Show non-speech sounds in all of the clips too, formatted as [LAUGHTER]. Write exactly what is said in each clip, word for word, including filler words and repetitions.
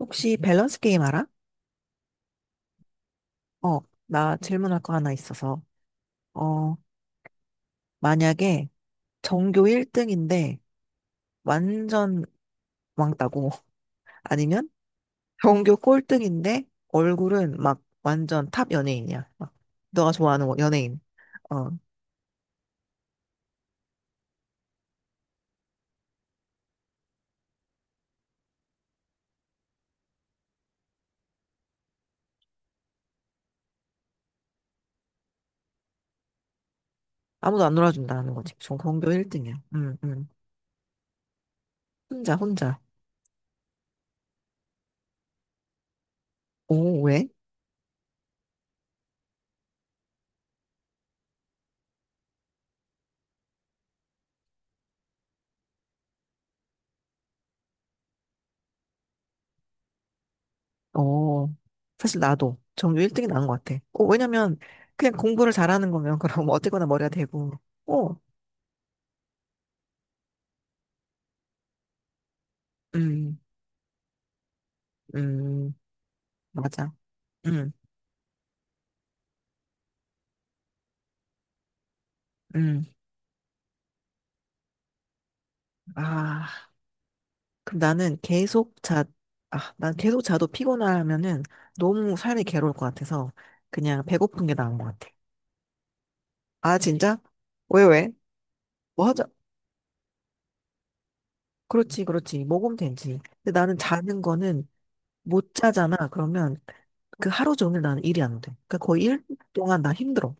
혹시 밸런스 게임 알아? 어, 나 질문할 거 하나 있어서. 어, 만약에 전교 일 등인데 완전 왕따고 [LAUGHS] 아니면 전교 꼴등인데 얼굴은 막 완전 탑 연예인이야. 막 너가 좋아하는 연예인. 어, 아무도 안 놀아준다 하는 거지. 전 전교 일 등이야. 응, 응. 혼자, 혼자. 오, 왜? 어, 사실 나도 전교 일 등이 나은 것 같아. 어, 왜냐면 그냥 공부를 잘하는 거면 [LAUGHS] 그럼 어쨌거나 머리가 되고. 어, 음, 음. 맞아. 응, 응. 아, 그럼 나는 계속 자, 아, 난 계속 자도 피곤하면은 너무 삶이 괴로울 것 같아서 그냥 배고픈 게 나은 것 같아. 아, 진짜? 왜, 왜? 뭐 하자. 그렇지, 그렇지. 먹으면 되지. 근데 나는 자는 거는 못 자잖아. 그러면 그 하루 종일 나는 일이 안 돼. 그러니까 거의 일 년 동안 나 힘들어.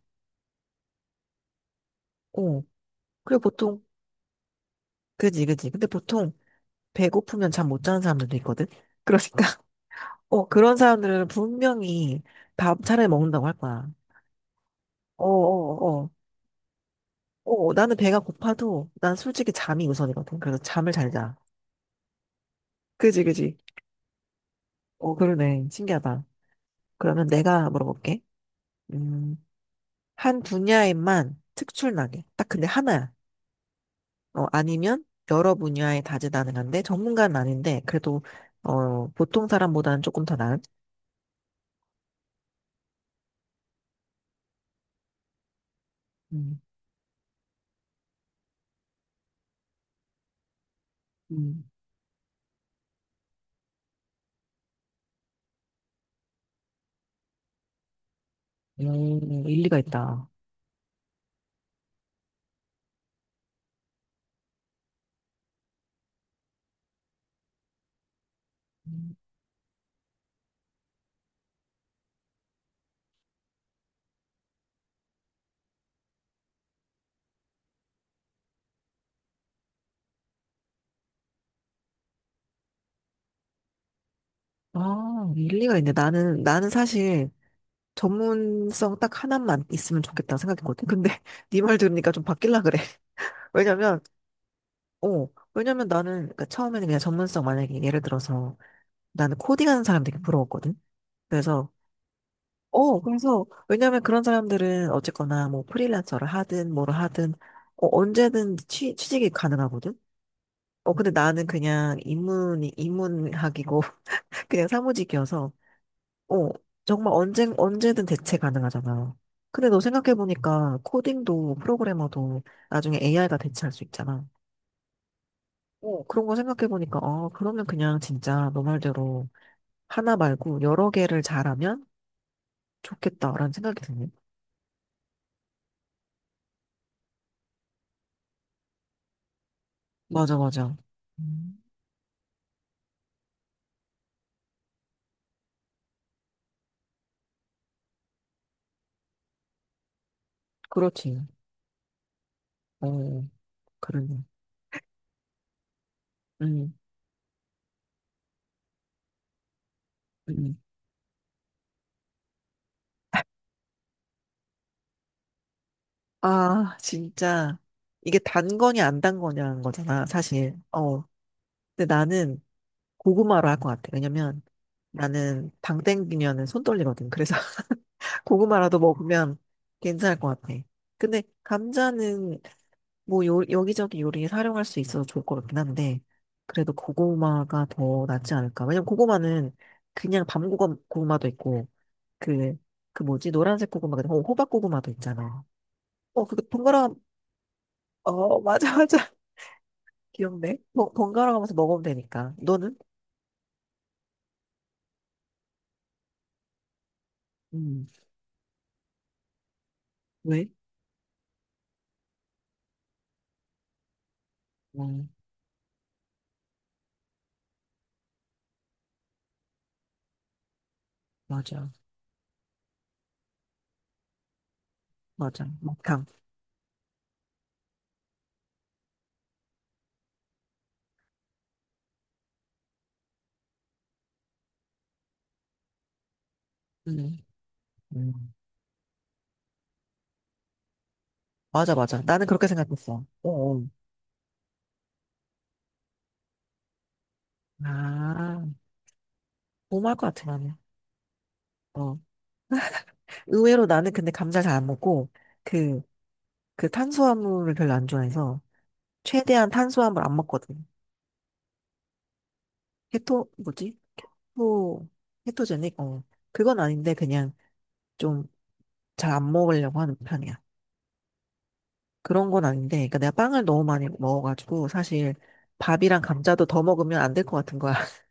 어. 그리고 보통, 그지, 그지. 근데 보통 배고프면 잠 못 자는 사람들도 있거든? [LAUGHS] 그러니까. 어, 그런 사람들은 분명히 밥 차라리 먹는다고 할 거야. 어, 어, 어. 어, 나는 배가 고파도 난 솔직히 잠이 우선이거든. 그래서 잠을 잘 자. 그지, 그지. 어, 그러네. 신기하다. 그러면 내가 물어볼게. 음, 한 분야에만 특출나게. 딱 근데 하나야. 어, 아니면 여러 분야에 다재다능한데 전문가는 아닌데 그래도 어, 보통 사람보다는 조금 더 나은. 음, 음, 음, 일리가 있다. 음, 아, 일리가 있네. 나는, 나는 사실 전문성 딱 하나만 있으면 좋겠다는 생각했거든 근데 [LAUGHS] 네 말 들으니까 좀 바뀔라 그래. [LAUGHS] 왜냐면, 어, 왜냐면 나는 그러니까 처음에는 그냥 전문성 만약에 예를 들어서 나는 코딩하는 사람 되게 부러웠거든. 그래서 어, 그래서 왜냐면 그런 사람들은 어쨌거나 뭐 프리랜서를 하든 뭐를 하든 어, 언제든 취, 취직이 가능하거든. 어, 근데 나는 그냥 입문이, 입문학이고 [LAUGHS] 그냥 사무직이어서 어, 정말 언제, 언제든 대체 가능하잖아. 근데 너 생각해보니까 코딩도 프로그래머도 나중에 에이아이가 대체할 수 있잖아. 어, 그런 거 생각해보니까, 어, 그러면 그냥 진짜 너 말대로 하나 말고 여러 개를 잘하면 좋겠다라는 생각이 드네. 맞아, 맞아. 음, 그렇지. 어, 그러네. 음, 음. 아, 진짜. 이게 단 거냐, 안 단 거냐는 거잖아, 사실. 어. 근데 나는 고구마로 할 것 같아. 왜냐면 나는 당 땡기면은 손 떨리거든. 그래서 [LAUGHS] 고구마라도 먹으면 괜찮을 것 같아. 근데 감자는 뭐 요, 여기저기 요리에 사용할 수 있어서 좋을 것 같긴 한데 그래도 고구마가 더 낫지 않을까. 왜냐면 고구마는 그냥 밤 고구- 고구마도 있고 그, 그 뭐지? 노란색 고구마가 아니라 호박 고구마도 있잖아. 어, 그거 번갈아, 어, 맞아, 맞아. [LAUGHS] 귀엽네. 번, 번갈아 가면서 먹으면 되니까. 너는? 음, 왜? 어, 맞아. 맞아. 음, 음. 맞아, 맞아. 나는 그렇게 생각했어. 어, 어. 아, 너무할 것 같아, 나는. 어. 의외로 나는 근데 감자를 잘 안 먹고, 그, 그 탄수화물을 별로 안 좋아해서, 최대한 탄수화물 안 먹거든. 케토, 뭐지? 토, 케토제닉? 어. 그건 아닌데, 그냥 좀 잘 안 먹으려고 하는 편이야. 그런 건 아닌데, 그러니까 내가 빵을 너무 많이 먹어가지고, 사실 밥이랑 감자도 더 먹으면 안 될 것 같은 거야. [LAUGHS]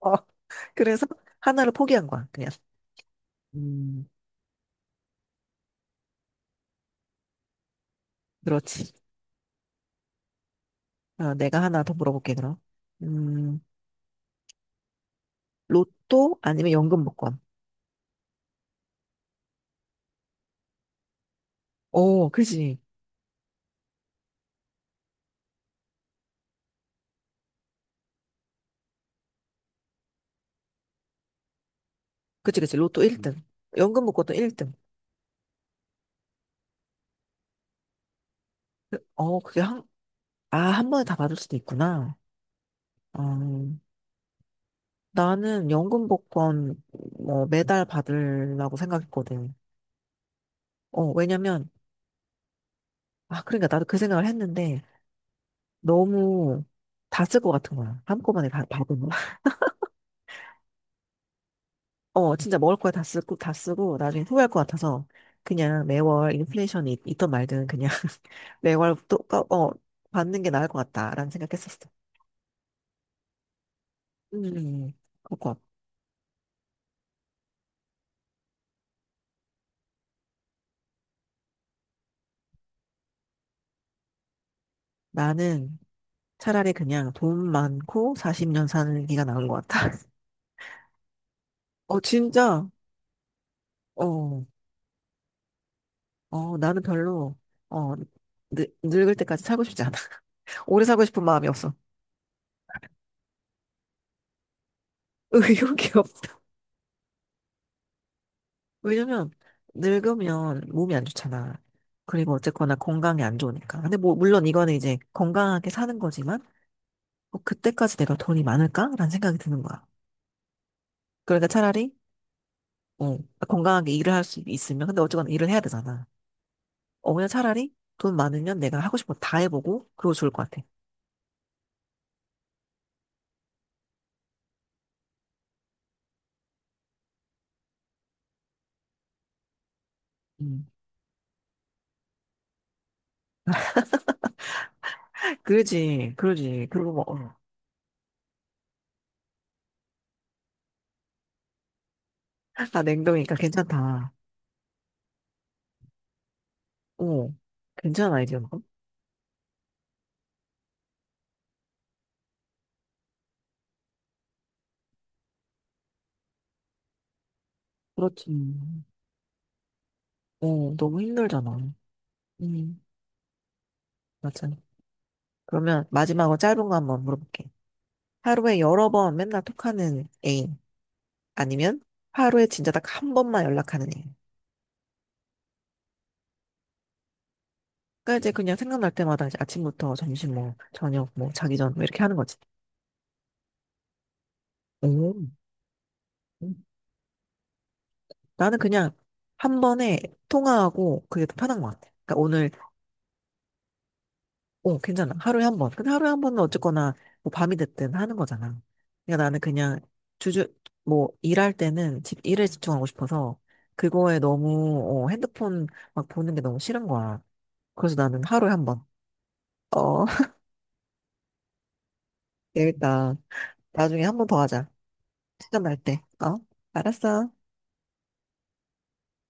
어. 그래서 하나를 포기한 거야, 그냥. 음, 그렇지. 아, 내가 하나 더 물어볼게, 그럼. 음, 로또 아니면 연금 복권. 오, 그지. 그지, 그지. 로또 일 등. 연금 복권도 일 등. 어, 그게 한, 아, 한 번에 다 받을 수도 있구나. 어, 나는 연금 복권, 뭐, 매달 받으려고 생각했거든. 어, 왜냐면, 아, 그러니까 나도 그 생각을 했는데, 너무 다 쓸 것 같은 거야. 한꺼번에 다 받으면. 어, 진짜 먹을 거야 다 쓰고, 다 쓰고, 나중에 후회할 것 같아서, 그냥 매월 인플레이션이 있- 있 말든 그냥 [LAUGHS] 매월 또, 까- 어, 받는 게 나을 것 같다라는 생각했었어. 음, 그거. 나는 차라리 그냥 돈 많고 사십 년 사는 게가 나은 것 같아. [LAUGHS] 어, 진짜, 어, 어, 나는 별로, 어, 늙, 늙을 때까지 살고 싶지 않아. [LAUGHS] 오래 살고 싶은 마음이 없어. [LAUGHS] 의욕이 없어. 왜냐면 늙으면 몸이 안 좋잖아. 그리고 어쨌거나 건강이 안 좋으니까. 근데 뭐 물론 이거는 이제 건강하게 사는 거지만 뭐 그때까지 내가 돈이 많을까라는 생각이 드는 거야. 그러니까 차라리 어, 건강하게 일을 할 수 있으면 근데 어쨌거나 일을 해야 되잖아. 어 그냥 차라리 돈 많으면 내가 하고 싶은 거 다 해보고 그러고 좋을 것 같아. 음. 그러지, 그러지. 그리고 뭐, 어. 아, 냉동이니까 괜찮다. 어, 괜찮은 아이디어는 그렇지. 어, 너무 힘들잖아. 음, 맞아. 그러면 마지막으로 짧은 거 한번 물어볼게. 하루에 여러 번 맨날 톡하는 애인 아니면 하루에 진짜 딱 한 번만 연락하는 애인. 그러니까 이제 그냥 생각날 때마다 이제 아침부터 점심 뭐 저녁 뭐 자기 전 뭐 이렇게 하는 거지. 오. 나는 그냥 한 번에 통화하고 그게 더 편한 것 같아. 그러니까 오늘 어, 괜찮아. 하루에 한 번. 근데 하루에 한 번은 어쨌거나 뭐 밤이 됐든 하는 거잖아. 그러니까 나는 그냥 주주 뭐 일할 때는 집 일에 집중하고 싶어서 그거에 너무 어, 핸드폰 막 보는 게 너무 싫은 거야. 그래서 나는 하루에 한 번. 어, [LAUGHS] 재밌다. 나중에 한 번 더 하자. 시간 날 때. 어? 알았어.